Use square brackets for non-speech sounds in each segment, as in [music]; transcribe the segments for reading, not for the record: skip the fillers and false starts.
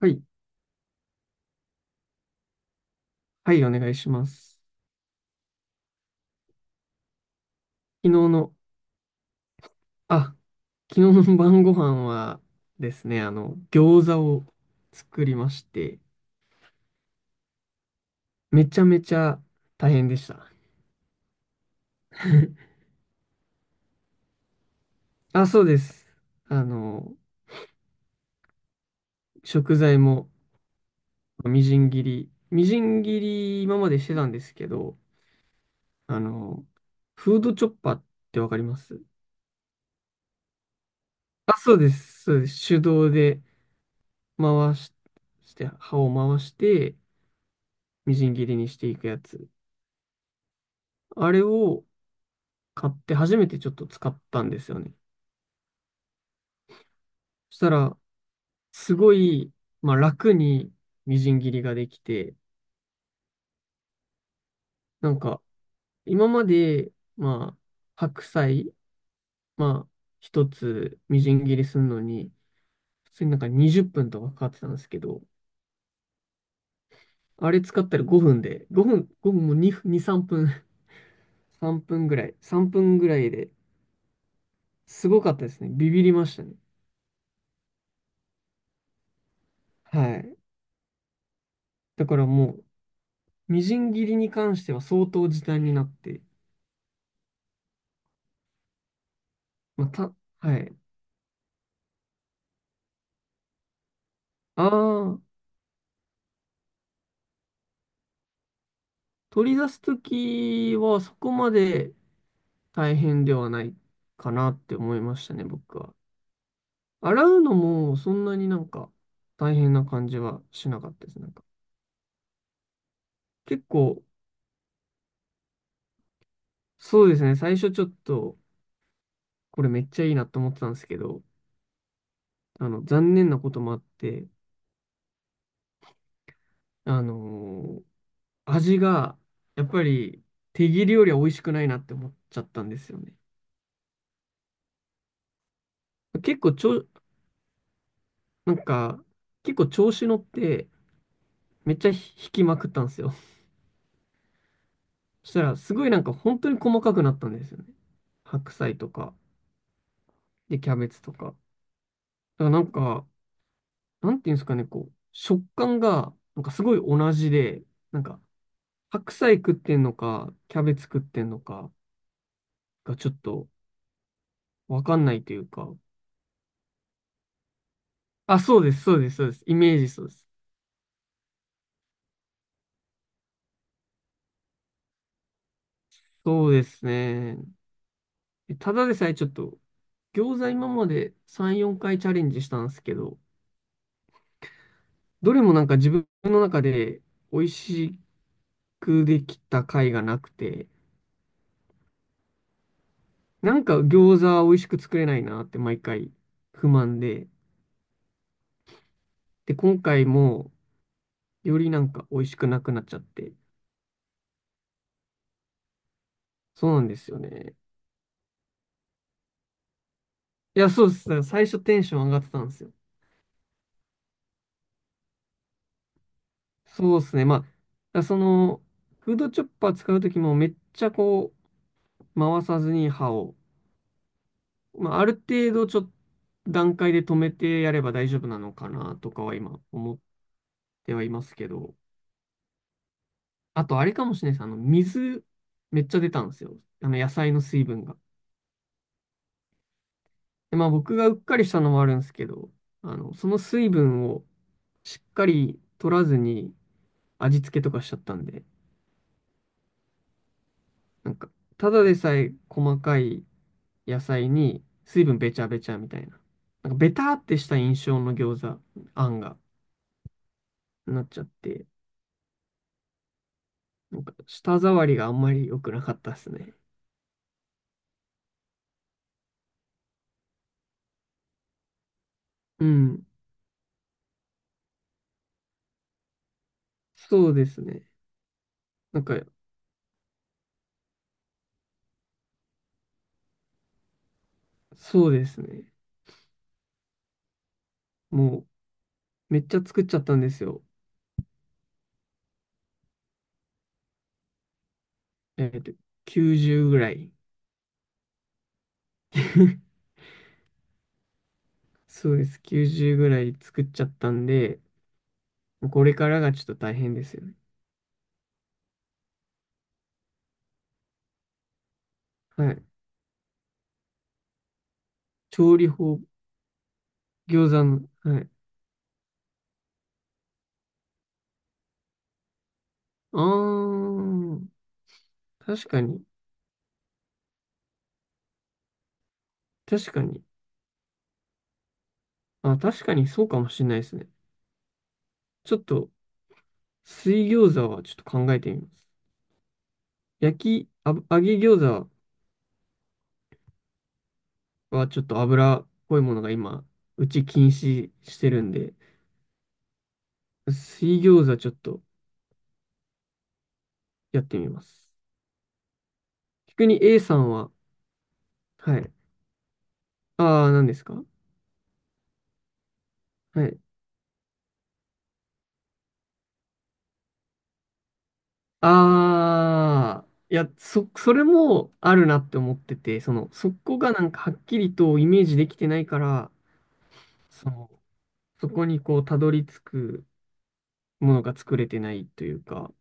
はい。はい、お願いします。昨日の、あ、昨日の晩ご飯はですね、餃子を作りまして、めちゃめちゃ大変でした。[laughs] あ、そうです。あの、食材もみじん切り今までしてたんですけど、あの、フードチョッパーってわかります？あ、そうです。そうです。手動で回し、して、刃を回して、みじん切りにしていくやつ。あれを、買って初めてちょっと使ったんですよね。そしたら、すごい、まあ、楽にみじん切りができて、なんか、今まで、まあ、白菜、まあ、一つみじん切りするのに、普通になんか20分とかかかってたんですけど、あれ使ったら5分で、5分、5分も2、2、3分、[laughs] 3分ぐらいですごかったですね。ビビりましたね。はい。だからもう、みじん切りに関しては相当時短になって、まあた、はい。ああ、取り出すときはそこまで大変ではないかなって思いましたね、僕は。洗うのもそんなになんか大変な感じはしなかったです。なんか結構、そうですね、最初ちょっとこれめっちゃいいなと思ってたんですけど、残念なこともあって、あのー味がやっぱり手切りよりは美味しくないなって思っちゃったんですよね。結構ちょ、なんか結構調子乗って、めっちゃ引きまくったんですよ。そしたら、すごいなんか本当に細かくなったんですよね。白菜とか、で、キャベツとか。だからなんか、なんていうんですかね、こう、食感が、なんかすごい同じで、なんか、白菜食ってんのか、キャベツ食ってんのかがちょっとわかんないというか。あ、そうです、そうです、そうです。イメージそうです。そうですね。ただでさえちょっと、餃子今まで3、4回チャレンジしたんですけど、どれもなんか自分の中で美味しいくできた回がなくて、なんか餃子美味しく作れないなって毎回不満で、で、今回もよりなんか美味しくなくなっちゃって、そうなんですよね。いや、そうです。だから最初テンション上がってたんですよ。そうですね。まあ、だからその、フードチョッパー使うときもめっちゃこう、回さずに刃を、まあ、ある程度ちょっと段階で止めてやれば大丈夫なのかなとかは今思ってはいますけど、あと、あれかもしれないです。水、めっちゃ出たんですよ。野菜の水分が。で、まあ、僕がうっかりしたのもあるんですけど、その水分をしっかり取らずに味付けとかしちゃったんで、なんか、ただでさえ細かい野菜に水分べちゃべちゃみたいな。なんか、ベターってした印象の餃子、あんが、なっちゃって、なんか、舌触りがあんまり良くなかったですね。うん。そうですね。なんか、そうですね。もう、めっちゃ作っちゃったんですよ。えっと、90ぐらい。[laughs] そうです。90ぐらい作っちゃったんで、これからがちょっと大変ですよね。はい。調理法、餃子の、はい。あー、確かに、確かに。あ、確かにそうかもしれないですね。ちょっと、水餃子はちょっと考えてみます。焼き、あぶ、揚げ餃子はちょっと油っぽいものが今、うち禁止してるんで、水餃子ちょっとやってみます。逆に A さんは、はい。ああ、何ですか？はい。ああ、いや、それもあるなって思ってて、その、そこがなんかはっきりとイメージできてないから、その、そこにこう、たどり着くものが作れてないというか、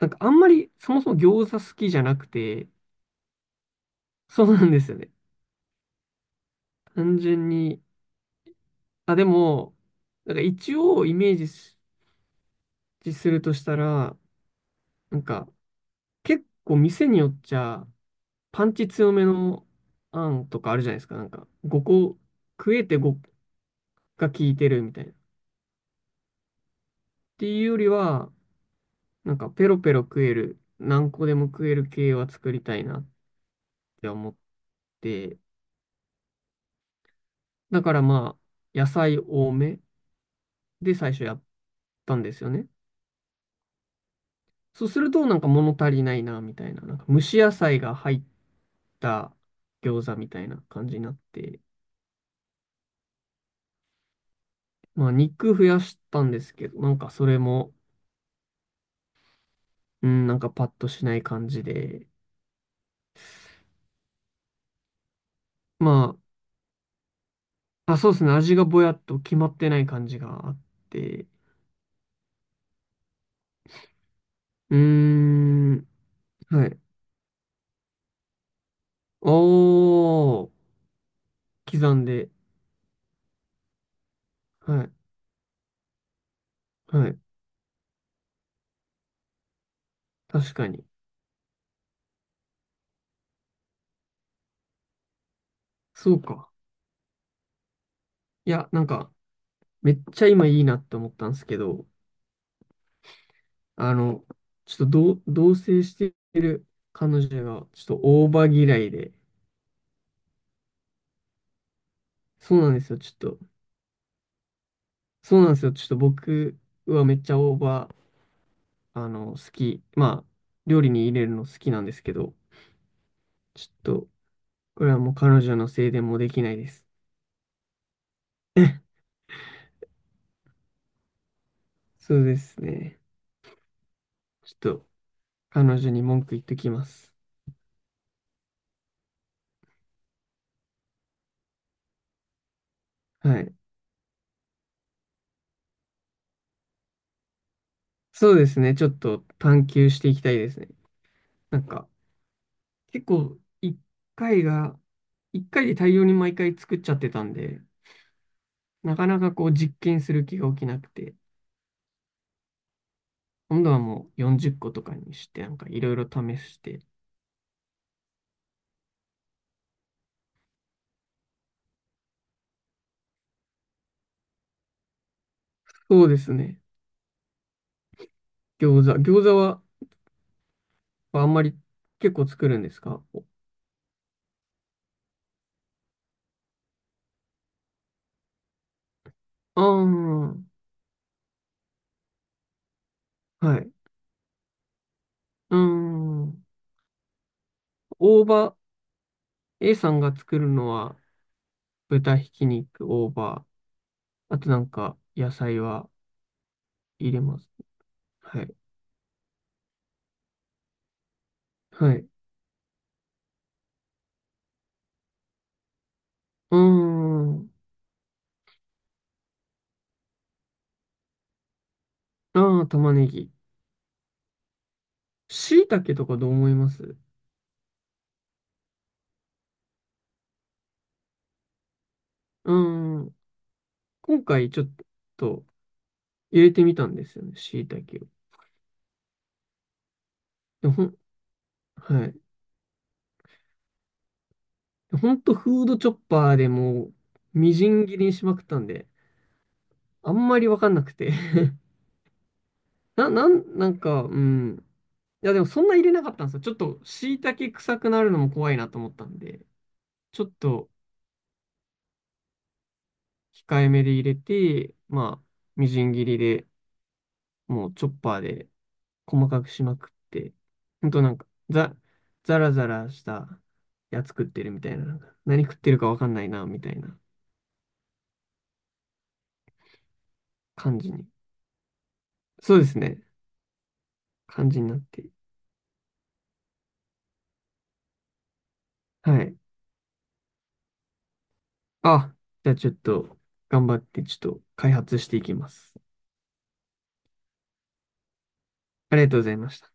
なんかあんまりそもそも餃子好きじゃなくて、そうなんですよね。単純に、あ、でも、なんか一応イメージするとしたら、なんか結構店によっちゃ、パンチ強めのあんとかあるじゃないですか。なんか、5個、食えて5が効いてるみたいな。っていうよりは、なんか、ペロペロ食える、何個でも食える系は作りたいなって思って、だからまあ、野菜多めで最初やったんですよね。そうすると、なんか物足りないな、みたいな。なんか、蒸し野菜が入った餃子みたいな感じになって、まあ、肉増やしたんですけど、なんか、それも、うん、なんかパッとしない感じで、まあ、あ、そうですね。味がぼやっと決まってない感じがあって。うーん。はい。おー。刻んで。はい。はい。確かに。そうか。いや、なんか、めっちゃ今いいなって思ったんですけど、あの、ちょっと同棲してる彼女が、ちょっと大葉嫌いで。そうなんですよ。ちょっと。そうなんですよ。ちょっと僕はめっちゃ大葉、好き。まあ、料理に入れるの好きなんですけど、ちょっと、これはもう彼女のせいでもうできないです。そうですね。ちょっと彼女に文句言っときます。はい。そうですね。ちょっと探求していきたいですね。なんか、結構回が、一回で大量に毎回作っちゃってたんで、なかなかこう実験する気が起きなくて、今度はもう40個とかにして、なんかいろいろ試して。そうですね。餃子はあんまり結構作るんですか？ああー、はい。うーん。大葉、A さんが作るのは豚ひき肉、大葉、あとなんか野菜は入れます。はい。はい。うーん。ああ、玉ねぎ。椎茸とかどう思います？うーん。今回ちょっと入れてみたんですよね、椎茸を。でほん、はい。ほんとフードチョッパーでもうみじん切りにしまくったんで、あんまりわかんなくて [laughs] なんか、うん。いや、でもそんな入れなかったんですよ。ちょっと、椎茸臭くなるのも怖いなと思ったんで、ちょっと控えめで入れて、まあ、みじん切りで、もうチョッパーで細かくしまくって、ほんとなんか、ザラザラしたやつ食ってるみたいな、なんか、何食ってるかわかんないな、みたいな感じに。そうですね。感じになって。はい。あ、じゃあちょっと、頑張って、ちょっと開発していきます。ありがとうございました。